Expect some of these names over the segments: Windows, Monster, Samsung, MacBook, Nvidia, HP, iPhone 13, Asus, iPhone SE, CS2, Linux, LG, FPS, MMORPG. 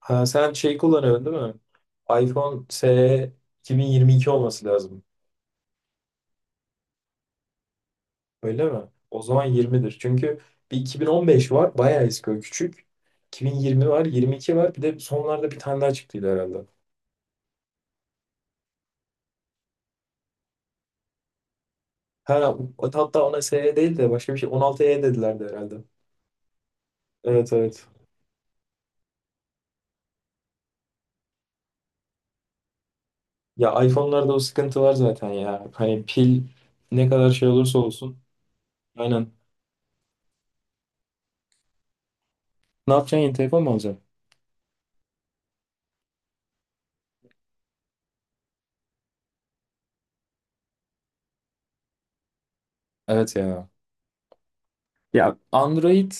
Ha, sen şey kullanıyorsun değil mi? iPhone SE 2022 olması lazım. Öyle mi? O zaman 20'dir. Çünkü bir 2015 var. Bayağı eski o küçük. 2020 var. 22 var. Bir de sonlarda bir tane daha çıktıydı herhalde. Ha, hatta ona SE değil de başka bir şey. 16E dedilerdi herhalde. Evet evet. Ya iPhone'larda o sıkıntı var zaten ya. Hani pil ne kadar şey olursa olsun. Aynen. Ne yapacaksın? Yeni telefon mu alacaksın? Evet ya. Ya Android.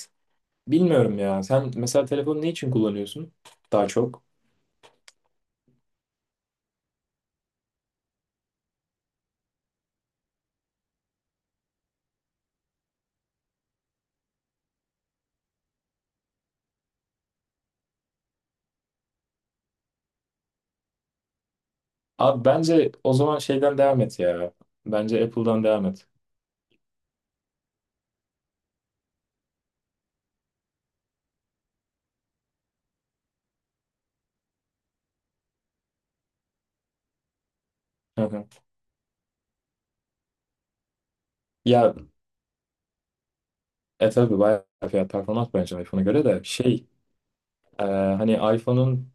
Bilmiyorum ya. Sen mesela telefonu ne için kullanıyorsun daha çok? Abi bence o zaman şeyden devam et ya. Bence Apple'dan devam et. Hı hı. Ya tabii bayağı fiyat performans bence iPhone'a göre de şey hani iPhone'un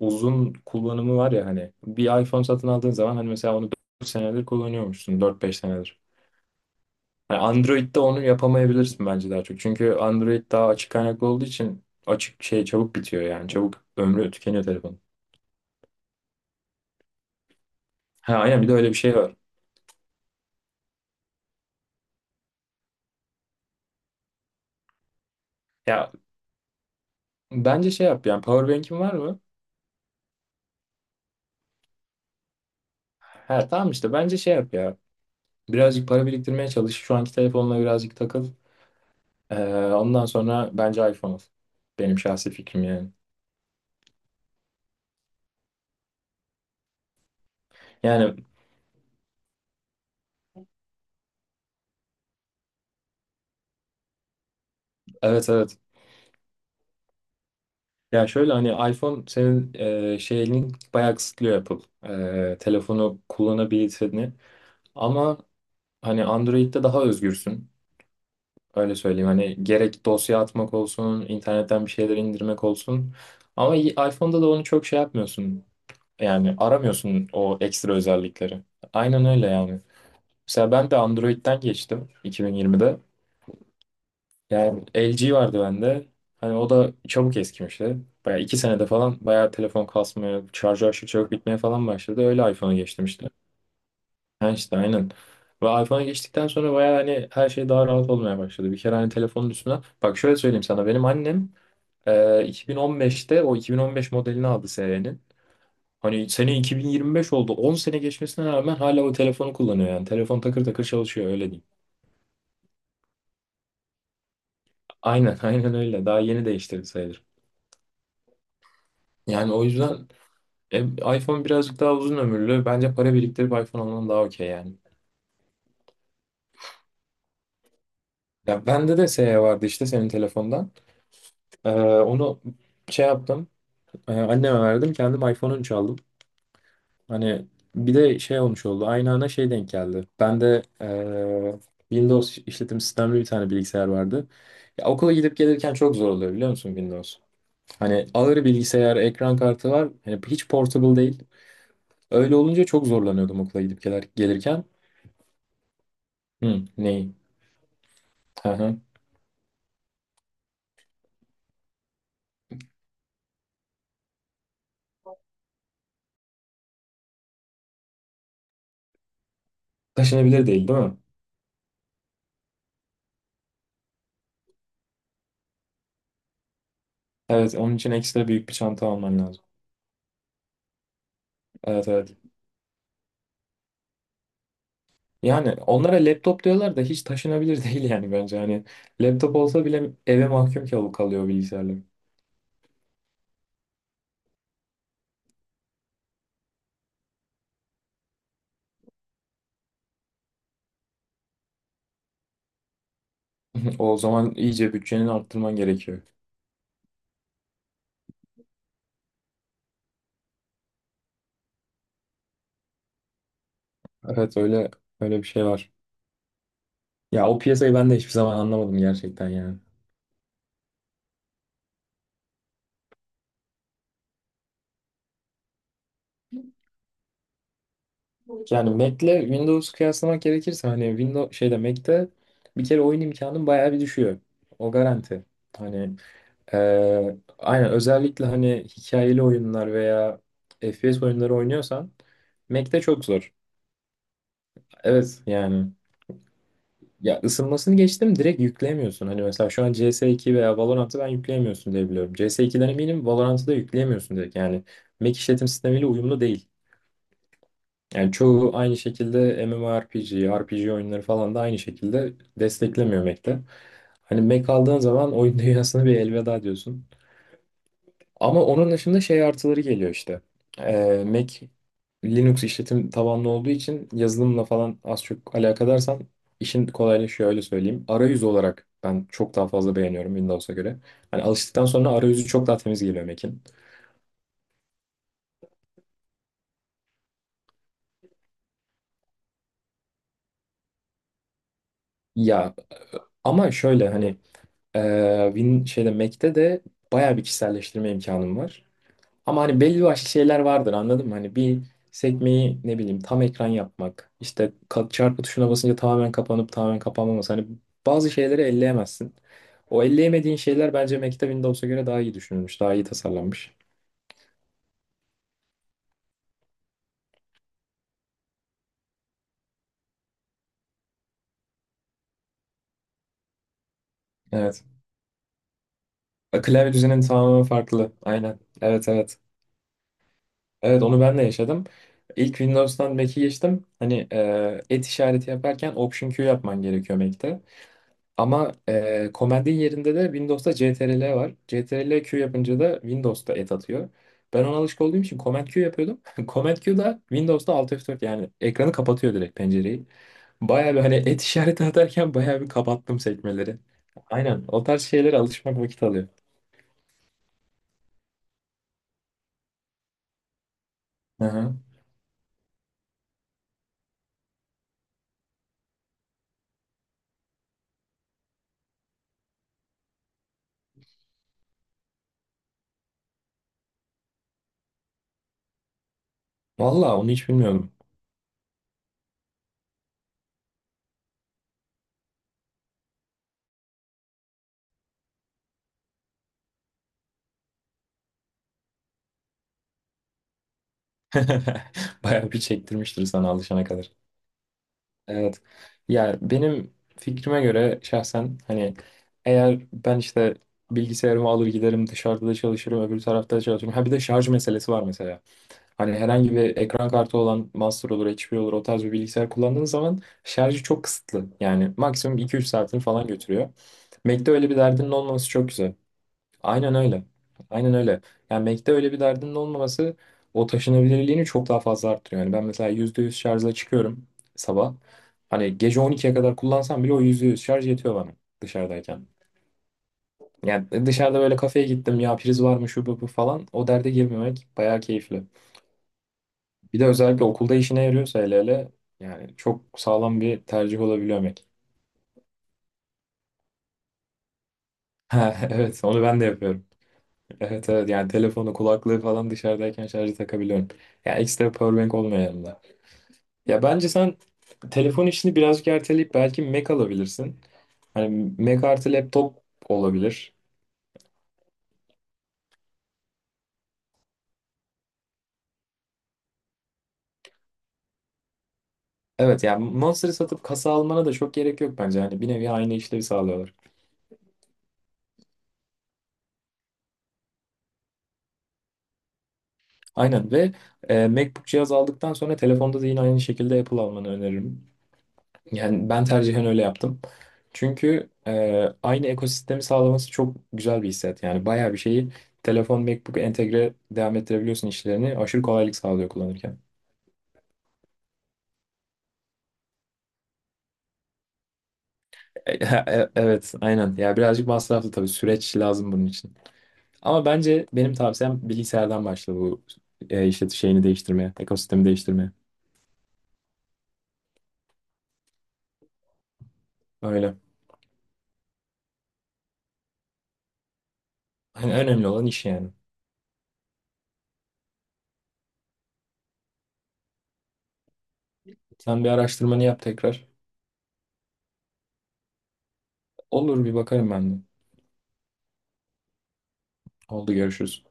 uzun kullanımı var ya, hani bir iPhone satın aldığın zaman hani mesela onu 4 senedir kullanıyormuşsun, 4-5 senedir. Yani Android'de onu yapamayabilirsin bence daha çok. Çünkü Android daha açık kaynaklı olduğu için açık şey çabuk bitiyor yani. Çabuk ömrü tükeniyor telefonun. Ha aynen, bir de öyle bir şey var. Ya bence şey yap yani, powerbank'in var mı? Ha tamam, işte bence şey yap ya. Birazcık para biriktirmeye çalış. Şu anki telefonla birazcık takıl. Ondan sonra bence iPhone al. Benim şahsi fikrim yani. Yani evet evet. Ya şöyle hani iPhone senin şeyini bayağı kısıtlıyor Apple. Telefonu kullanabilirsini. Ama hani Android'de daha özgürsün. Öyle söyleyeyim. Hani gerek dosya atmak olsun, internetten bir şeyler indirmek olsun. Ama iPhone'da da onu çok şey yapmıyorsun. Yani aramıyorsun o ekstra özellikleri. Aynen öyle yani. Mesela ben de Android'den geçtim 2020'de. Yani LG vardı bende. Hani o da çabuk eskimişti. Bayağı 2 senede falan bayağı telefon kasmaya, şarjı aşırı çabuk bitmeye falan başladı. Öyle iPhone'a geçtim işte. Ha işte aynen. Ve iPhone'a geçtikten sonra bayağı hani her şey daha rahat olmaya başladı. Bir kere hani telefonun üstüne. Bak şöyle söyleyeyim sana. Benim annem e, 2015'te o 2015 modelini aldı serinin. Hani sene 2025 oldu. 10 sene geçmesine rağmen hala o telefonu kullanıyor yani. Telefon takır takır çalışıyor, öyle diyeyim. Aynen aynen öyle. Daha yeni değiştirdi sayılır. Yani o yüzden E, iPhone birazcık daha uzun ömürlü. Bence para biriktirip iPhone alman daha okey yani. Ya bende de SE vardı işte, senin telefondan. Onu şey yaptım. Anneme verdim. Kendim iPhone 13 aldım. Hani bir de şey olmuş oldu. Aynı ana şey denk geldi. Bende Windows işletim sistemli bir tane bilgisayar vardı. Ya okula gidip gelirken çok zor oluyor biliyor musun, Windows? Hani ağır bilgisayar, ekran kartı var. Hani hiç portable değil. Öyle olunca çok zorlanıyordum okula gelirken. Hı, neyi? Taşınabilir değil, değil mi? Evet, onun için ekstra büyük bir çanta alman lazım. Evet, evet. Yani onlara laptop diyorlar da hiç taşınabilir değil yani, bence. Hani laptop olsa bile eve mahkum kalıyor bilgisayarlar. O zaman iyice bütçeni arttırman gerekiyor. Evet, öyle. Öyle bir şey var. Ya o piyasayı ben de hiçbir zaman anlamadım gerçekten yani. Yani Mac'le Windows kıyaslamak gerekirse hani Windows şeyde Mac'te bir kere oyun imkanın bayağı bir düşüyor. O garanti. Hani aynen, özellikle hani hikayeli oyunlar veya FPS oyunları oynuyorsan Mac'te çok zor. Evet yani. Ya ısınmasını geçtim, direkt yükleyemiyorsun. Hani mesela şu an CS2 veya Valorant'ı ben yükleyemiyorsun diye biliyorum. CS2'den eminim, Valorant'ı da yükleyemiyorsun direkt. Yani Mac işletim sistemiyle uyumlu değil. Yani çoğu aynı şekilde MMORPG, RPG oyunları falan da aynı şekilde desteklemiyor Mac'te. Hani Mac aldığın zaman oyun dünyasına bir elveda diyorsun. Ama onun dışında şey artıları geliyor işte. Mac Linux işletim tabanlı olduğu için yazılımla falan az çok alakadarsan işin kolaylaşıyor, öyle söyleyeyim. Arayüz olarak ben çok daha fazla beğeniyorum Windows'a göre. Hani alıştıktan sonra arayüzü çok daha temiz geliyor Mac'in. Ya ama şöyle hani Win şeyde Mac'te de bayağı bir kişiselleştirme imkanım var. Ama hani belli başlı şeyler vardır, anladın mı? Hani bir sekmeyi ne bileyim tam ekran yapmak, işte çarpı tuşuna basınca tamamen kapanıp tamamen kapanmaması. Hani bazı şeyleri elleyemezsin. O elleyemediğin şeyler bence Mac'te Windows'a göre daha iyi düşünülmüş. Daha iyi tasarlanmış. Evet. Klavye düzenin tamamen farklı. Aynen. Evet evet. Evet, onu ben de yaşadım. İlk Windows'tan Mac'e geçtim. Hani et işareti yaparken Option Q yapman gerekiyor Mac'te. Ama Command'in yerinde de Windows'ta CTRL var. CTRL Q yapınca da Windows'ta et atıyor. Ben ona alışık olduğum için Command Q yapıyordum. Command Q da Windows'ta Alt F4 yani, ekranı kapatıyor direkt pencereyi. Bayağı bir hani et işareti atarken bayağı bir kapattım sekmeleri. Aynen, o tarz şeylere alışmak vakit alıyor. Hı hı. Vallahi onu hiç bilmiyorum. Bayağı bir çektirmiştir sana alışana kadar. Evet. Ya benim fikrime göre şahsen hani eğer ben işte bilgisayarımı alır giderim, dışarıda da çalışırım, öbür tarafta da çalışırım. Ha bir de şarj meselesi var mesela. Hani herhangi bir ekran kartı olan Monster olur, HP olur, o tarz bir bilgisayar kullandığın zaman şarjı çok kısıtlı. Yani maksimum 2-3 saatini falan götürüyor. Mac'te öyle bir derdinin olmaması çok güzel. Aynen öyle. Aynen öyle. Yani Mac'te öyle bir derdinin olmaması o taşınabilirliğini çok daha fazla arttırıyor. Yani ben mesela %100 şarjla çıkıyorum sabah. Hani gece 12'ye kadar kullansam bile o %100 şarj yetiyor bana dışarıdayken. Yani dışarıda böyle kafeye gittim ya, priz var mı şu bu bu falan, o derde girmemek bayağı keyifli. Bir de özellikle okulda işine yarıyorsa, hele hele yani, çok sağlam bir tercih olabiliyor Mac. Ha, evet, onu ben de yapıyorum. Evet evet, yani telefonu, kulaklığı falan dışarıdayken şarjı takabiliyorum. Yani ekstra powerbank olmuyor yanımda. Ya bence sen telefon işini birazcık erteleyip belki Mac alabilirsin. Hani Mac artı laptop olabilir. Evet, yani Monster'ı satıp kasa almana da çok gerek yok bence. Hani bir nevi aynı işlevi sağlıyorlar. Aynen. Ve MacBook cihaz aldıktan sonra telefonda da yine aynı şekilde Apple almanı öneririm. Yani ben tercihen öyle yaptım. Çünkü aynı ekosistemi sağlaması çok güzel bir hissiyat. Yani bayağı bir şeyi telefon, MacBook entegre devam ettirebiliyorsun işlerini. Aşırı kolaylık sağlıyor kullanırken. Evet, aynen. Ya birazcık masraflı tabii. Süreç lazım bunun için. Ama bence benim tavsiyem bilgisayardan başla bu işlet şeyini değiştirmeye, ekosistemi değiştirmeye. Öyle. Hani önemli olan iş yani. Sen bir araştırmanı yap tekrar. Olur, bir bakarım ben de. Oldu, görüşürüz.